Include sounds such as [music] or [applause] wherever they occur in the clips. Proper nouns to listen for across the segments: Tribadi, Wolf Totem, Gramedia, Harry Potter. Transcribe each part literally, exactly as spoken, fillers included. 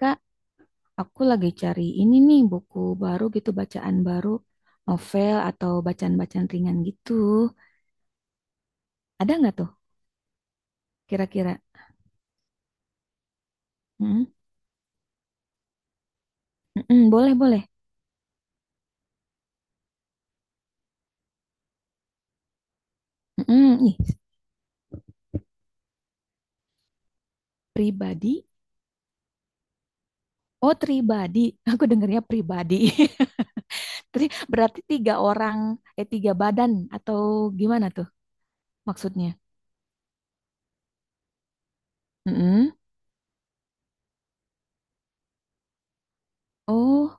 Kak, aku lagi cari ini nih buku baru gitu, bacaan baru, novel atau bacaan-bacaan ringan gitu. Ada nggak tuh kira-kira? Mm-mm. Mm-mm, boleh, boleh. Mm-mm, Ih, pribadi. Oh, pribadi. [laughs] Aku dengernya pribadi. [laughs] Tri- Berarti tiga orang, eh tiga badan atau gimana tuh maksudnya? Mm-mm. Oh,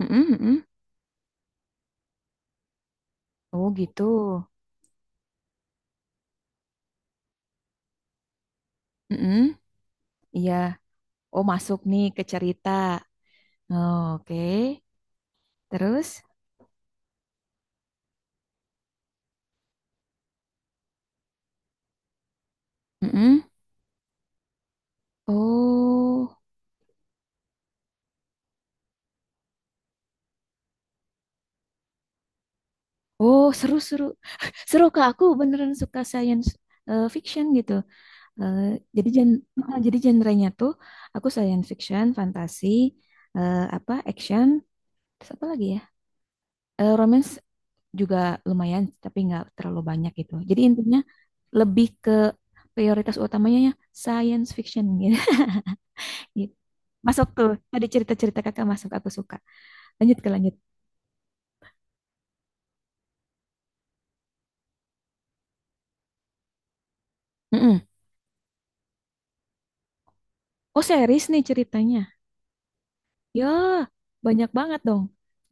mm-mm, mm-mm. Oh gitu. Mm-mm. Iya. Oh, masuk nih ke cerita. Oh, oke. Terus? Mm-mm. Oh, oh, seru seru. [laughs] Seru, kak. Aku beneran suka science eh, fiction gitu. Eh, jadi gen eh, jadi genrenya tuh aku science fiction, fantasi, eh, apa action, terus apa lagi ya? Eh, romance juga lumayan, tapi nggak terlalu banyak gitu. Jadi intinya lebih ke prioritas utamanya ya science fiction gitu. [laughs] Gitu. Masuk tuh tadi cerita-cerita kakak masuk aku suka. Lanjut ke lanjut. Mm-mm. Oh, series nih ceritanya. Ya, banyak banget dong.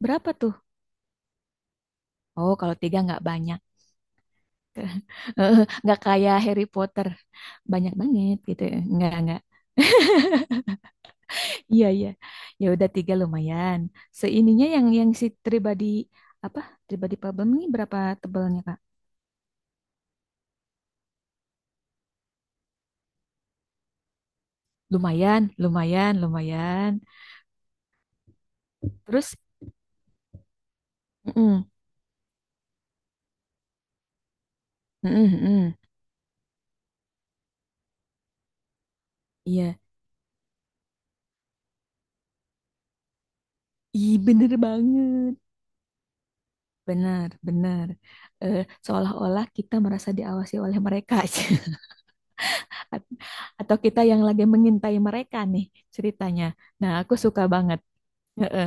Berapa tuh? Oh, kalau tiga nggak banyak. [laughs] Nggak kayak Harry Potter. Banyak banget gitu. Ya. Nggak, nggak. Iya, iya. Ya udah tiga lumayan. Seininya yang yang si pribadi apa? Pribadi problem ini berapa tebalnya, Kak? Lumayan, lumayan, lumayan. Terus, mm, mm, mm, mm. Iya. Ih, bener banget. Benar, benar. Eh, Seolah-olah kita merasa diawasi oleh mereka. [laughs] [laughs] Atau kita yang lagi mengintai mereka nih ceritanya. Nah, aku suka banget. Heeh.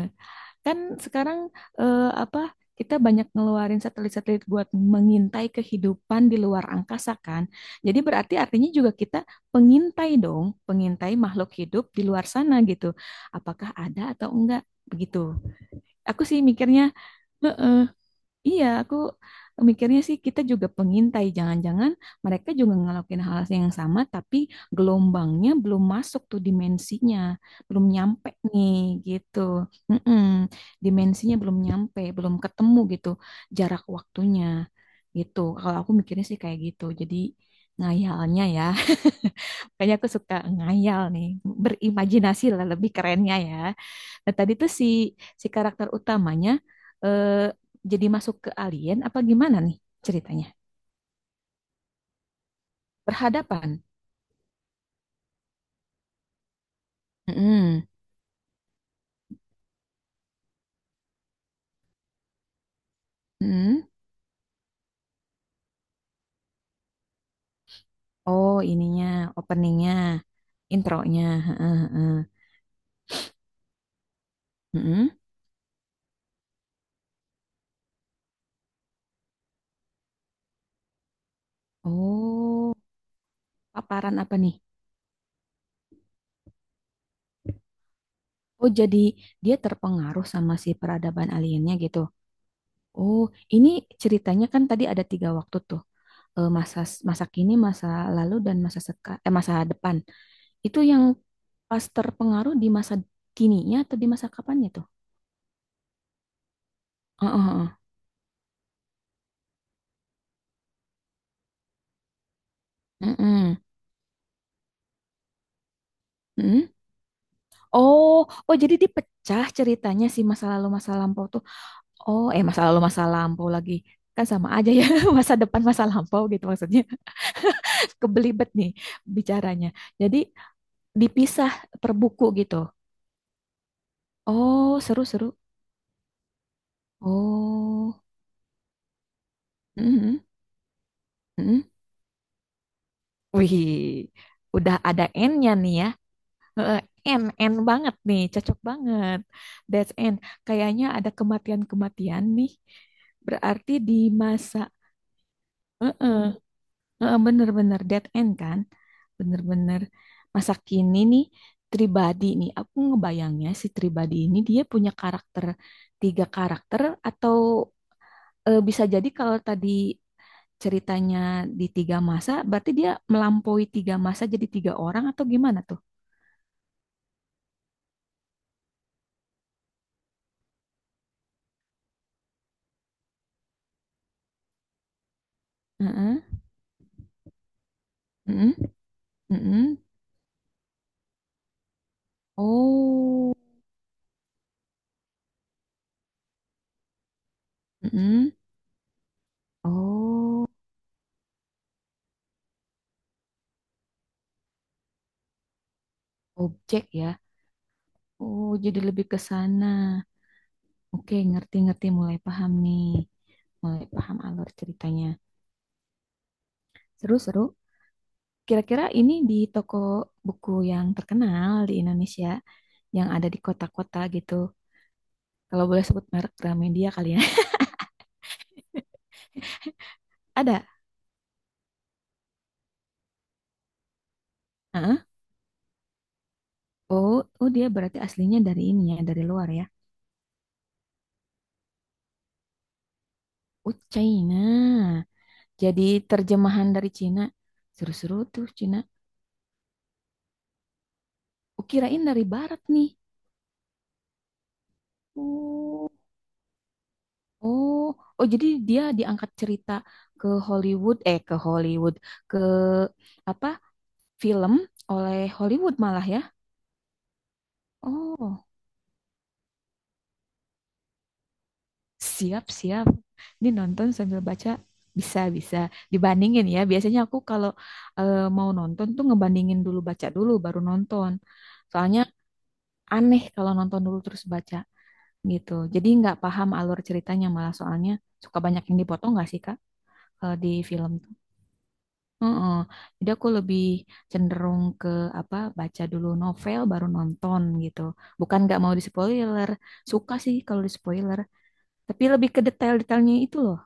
Kan sekarang eh, apa, kita banyak ngeluarin satelit-satelit buat mengintai kehidupan di luar angkasa kan. Jadi berarti artinya juga kita pengintai dong, pengintai makhluk hidup di luar sana gitu. Apakah ada atau enggak begitu. Aku sih mikirnya, heeh. Iya, aku mikirnya sih kita juga pengintai. Jangan-jangan mereka juga ngelakuin hal yang sama, tapi gelombangnya belum masuk tuh dimensinya, belum nyampe nih gitu. Mm-mm. Dimensinya belum nyampe, belum ketemu gitu jarak waktunya gitu. Kalau aku mikirnya sih kayak gitu. Jadi ngayalnya ya, [laughs] kayaknya aku suka ngayal nih, berimajinasi lah lebih kerennya ya. Nah, tadi tuh si si karakter utamanya, eh, jadi masuk ke alien apa gimana nih ceritanya? Berhadapan. Mm-mm. Mm-mm. Oh, ininya, openingnya, intronya. Heeh, heeh. Mm-mm. Oh, paparan apa nih? Oh, jadi dia terpengaruh sama si peradaban aliennya gitu. Oh, ini ceritanya kan tadi ada tiga waktu tuh. Eh, Masa masa kini, masa lalu, dan masa seka, eh, masa depan. Itu yang pas terpengaruh di masa kininya atau di masa kapannya tuh? Heeh, heeh. Mm-mm. Oh, oh, jadi dipecah ceritanya si masa lalu masa lampau tuh. Oh, eh masa lalu masa lampau lagi. Kan sama aja ya, [laughs] masa depan masa lampau gitu maksudnya. [laughs] Kebelibet nih bicaranya. Jadi dipisah per buku gitu. Oh, seru-seru. Oh. Mm-mm. Mm. Wih, udah ada N-nya nih ya. Heeh, end end banget nih, cocok banget. That's end. Kayaknya ada kematian-kematian nih. Berarti di masa, heeh, heeh, bener-bener dead end kan? Bener-bener masa kini nih Tribadi nih. Aku ngebayangnya si Tribadi ini dia punya karakter, tiga karakter, atau eh, bisa jadi kalau tadi ceritanya di tiga masa, berarti dia melampaui tiga masa jadi tiga orang atau gimana tuh? Heeh, heeh, heeh. Oh, mm. Oh, objek ya. Oh, jadi lebih ke sana. Oke, ngerti-ngerti mulai paham nih. Mulai paham alur ceritanya. Seru-seru. Kira-kira ini di toko buku yang terkenal di Indonesia, yang ada di kota-kota gitu. Kalau boleh sebut merek, Gramedia kali ya. [laughs] Ada. Heeh. Oh, oh, dia berarti aslinya dari ini ya, dari luar ya. Oh, China. Jadi terjemahan dari Cina. Seru-seru tuh Cina. Oh, kirain dari barat nih. Oh, oh, oh, jadi dia diangkat cerita ke Hollywood, eh ke Hollywood, ke apa? Film oleh Hollywood malah ya. Oh, siap-siap. Ini nonton sambil baca bisa-bisa dibandingin ya. Biasanya aku kalau eh, mau nonton tuh ngebandingin dulu, baca dulu baru nonton. Soalnya aneh kalau nonton dulu terus baca gitu. Jadi nggak paham alur ceritanya malah, soalnya suka banyak yang dipotong nggak sih Kak, eh, di film? Heeh. Jadi aku lebih cenderung ke apa, baca dulu novel baru nonton gitu. Bukan nggak mau di spoiler, suka sih kalau di spoiler, tapi lebih ke detail-detailnya itu loh.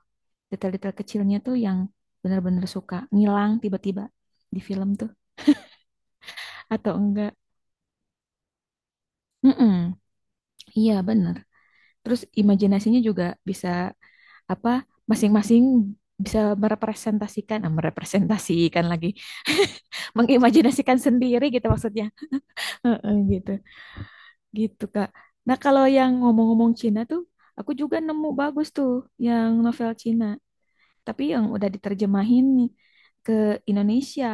Detail-detail kecilnya tuh yang benar-benar suka ngilang tiba-tiba di film tuh atau enggak. Mm-mm. Iya bener. Terus imajinasinya juga bisa apa, masing-masing bisa merepresentasikan, ah, merepresentasikan lagi, mengimajinasikan sendiri gitu maksudnya. Heeh, gitu. Gitu, Kak. Nah, kalau yang ngomong-ngomong Cina tuh, aku juga nemu bagus tuh yang novel Cina. Tapi yang udah diterjemahin nih ke Indonesia,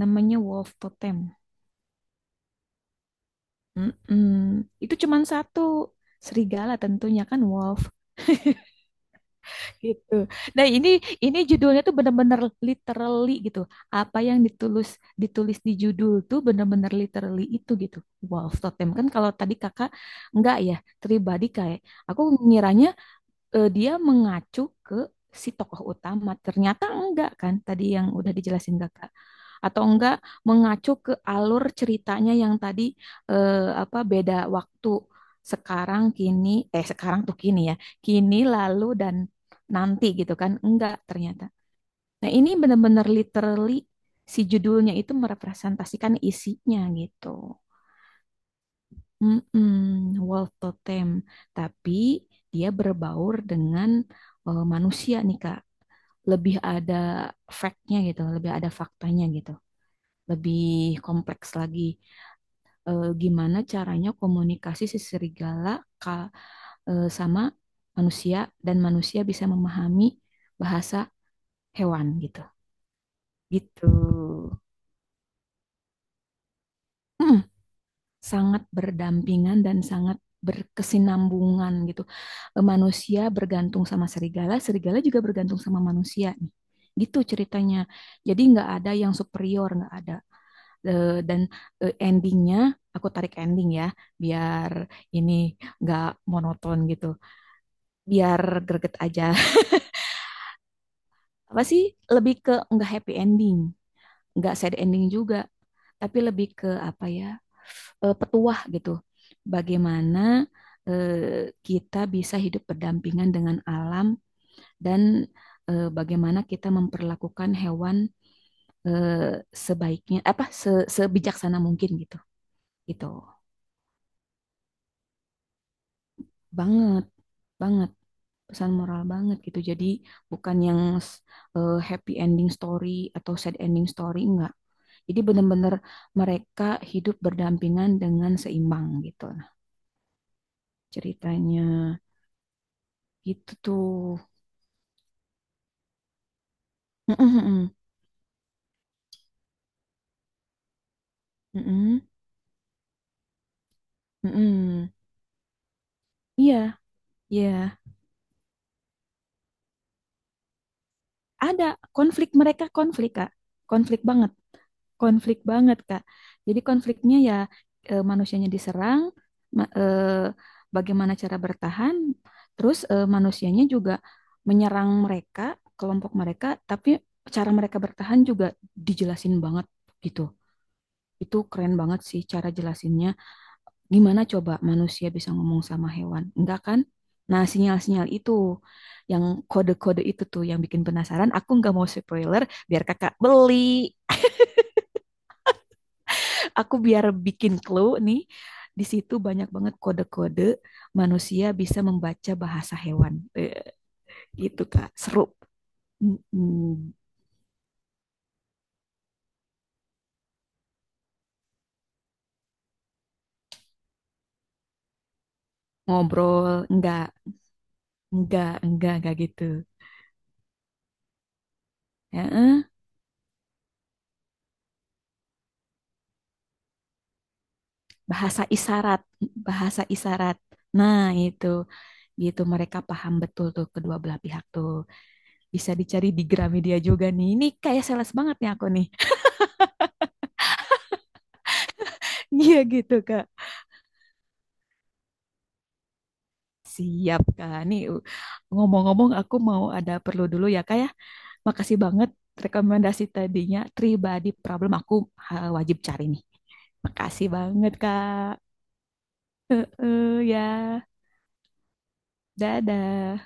namanya Wolf Totem. Mm-mm. Itu cuman satu, serigala tentunya kan, wolf gitu. Nah, ini ini judulnya tuh bener-bener literally gitu. Apa yang ditulis, ditulis di judul tuh bener-bener literally itu gitu. Wolf Totem kan kalau tadi Kakak enggak ya, pribadi kayak aku ngiranya eh, dia mengacu ke si tokoh utama. Ternyata enggak kan tadi yang udah dijelasin kakak. Atau enggak mengacu ke alur ceritanya yang tadi, eh, apa, beda waktu sekarang, kini, eh sekarang tuh kini ya. Kini, lalu, dan nanti gitu kan. Enggak ternyata. Nah, ini benar-benar literally si judulnya itu merepresentasikan isinya gitu. Mm-mm, wolf totem, tapi dia berbaur dengan, eh, manusia nih Kak. Lebih ada fact-nya gitu, lebih ada faktanya gitu, lebih kompleks lagi. Eh, gimana caranya komunikasi si serigala, ka, eh, sama manusia, dan manusia bisa memahami bahasa hewan gitu. Gitu. Mm, sangat berdampingan dan sangat berkesinambungan gitu. Eh, Manusia bergantung sama serigala, serigala juga bergantung sama manusia nih. Gitu ceritanya. Jadi nggak ada yang superior, nggak ada. Eh, dan eh, endingnya, aku tarik ending ya, biar ini nggak monoton gitu, biar greget aja. [laughs] Apa sih? Lebih ke nggak happy ending, nggak sad ending juga, tapi lebih ke apa ya? Eh, petuah gitu. Bagaimana eh, kita bisa hidup berdampingan dengan alam, dan eh, bagaimana kita memperlakukan hewan eh, sebaiknya apa, se- sebijaksana mungkin gitu. Gitu. Banget, banget, pesan moral banget gitu. Jadi bukan yang eh, happy ending story atau sad ending story, enggak. Jadi benar-benar mereka hidup berdampingan dengan seimbang gitu lah ceritanya. Gitu tuh. Mm-mm-mm. Mm-mm, mm-mm. Iya, iya. Ada konflik, mereka konflik, Kak. Konflik banget, konflik banget, Kak. Jadi konfliknya ya, eh, manusianya diserang, ma- eh, bagaimana cara bertahan, terus eh, manusianya juga menyerang mereka, kelompok mereka, tapi cara mereka bertahan juga dijelasin banget gitu. Itu keren banget sih cara jelasinnya. Gimana coba manusia bisa ngomong sama hewan? Enggak kan? Nah, sinyal-sinyal itu, yang kode-kode itu tuh yang bikin penasaran. Aku nggak mau spoiler, biar kakak beli. Aku biar bikin clue nih. Di situ banyak banget kode-kode, manusia bisa membaca bahasa hewan. Eh, gitu, Kak. Seru. Mm, mm, Ngobrol, enggak, enggak, enggak, enggak gitu. Ya, eh, bahasa isyarat, bahasa isyarat. Nah, itu. Gitu mereka paham betul tuh, kedua belah pihak tuh. Bisa dicari di Gramedia juga nih, ini kayak sales banget nih aku nih. Iya, [laughs] gitu kak. Siap kak nih, uh, ngomong-ngomong aku mau ada perlu dulu ya kak ya, makasih banget rekomendasi tadinya, Tribadi Problem aku wajib cari nih. Makasih banget kak, eh ya, dadah.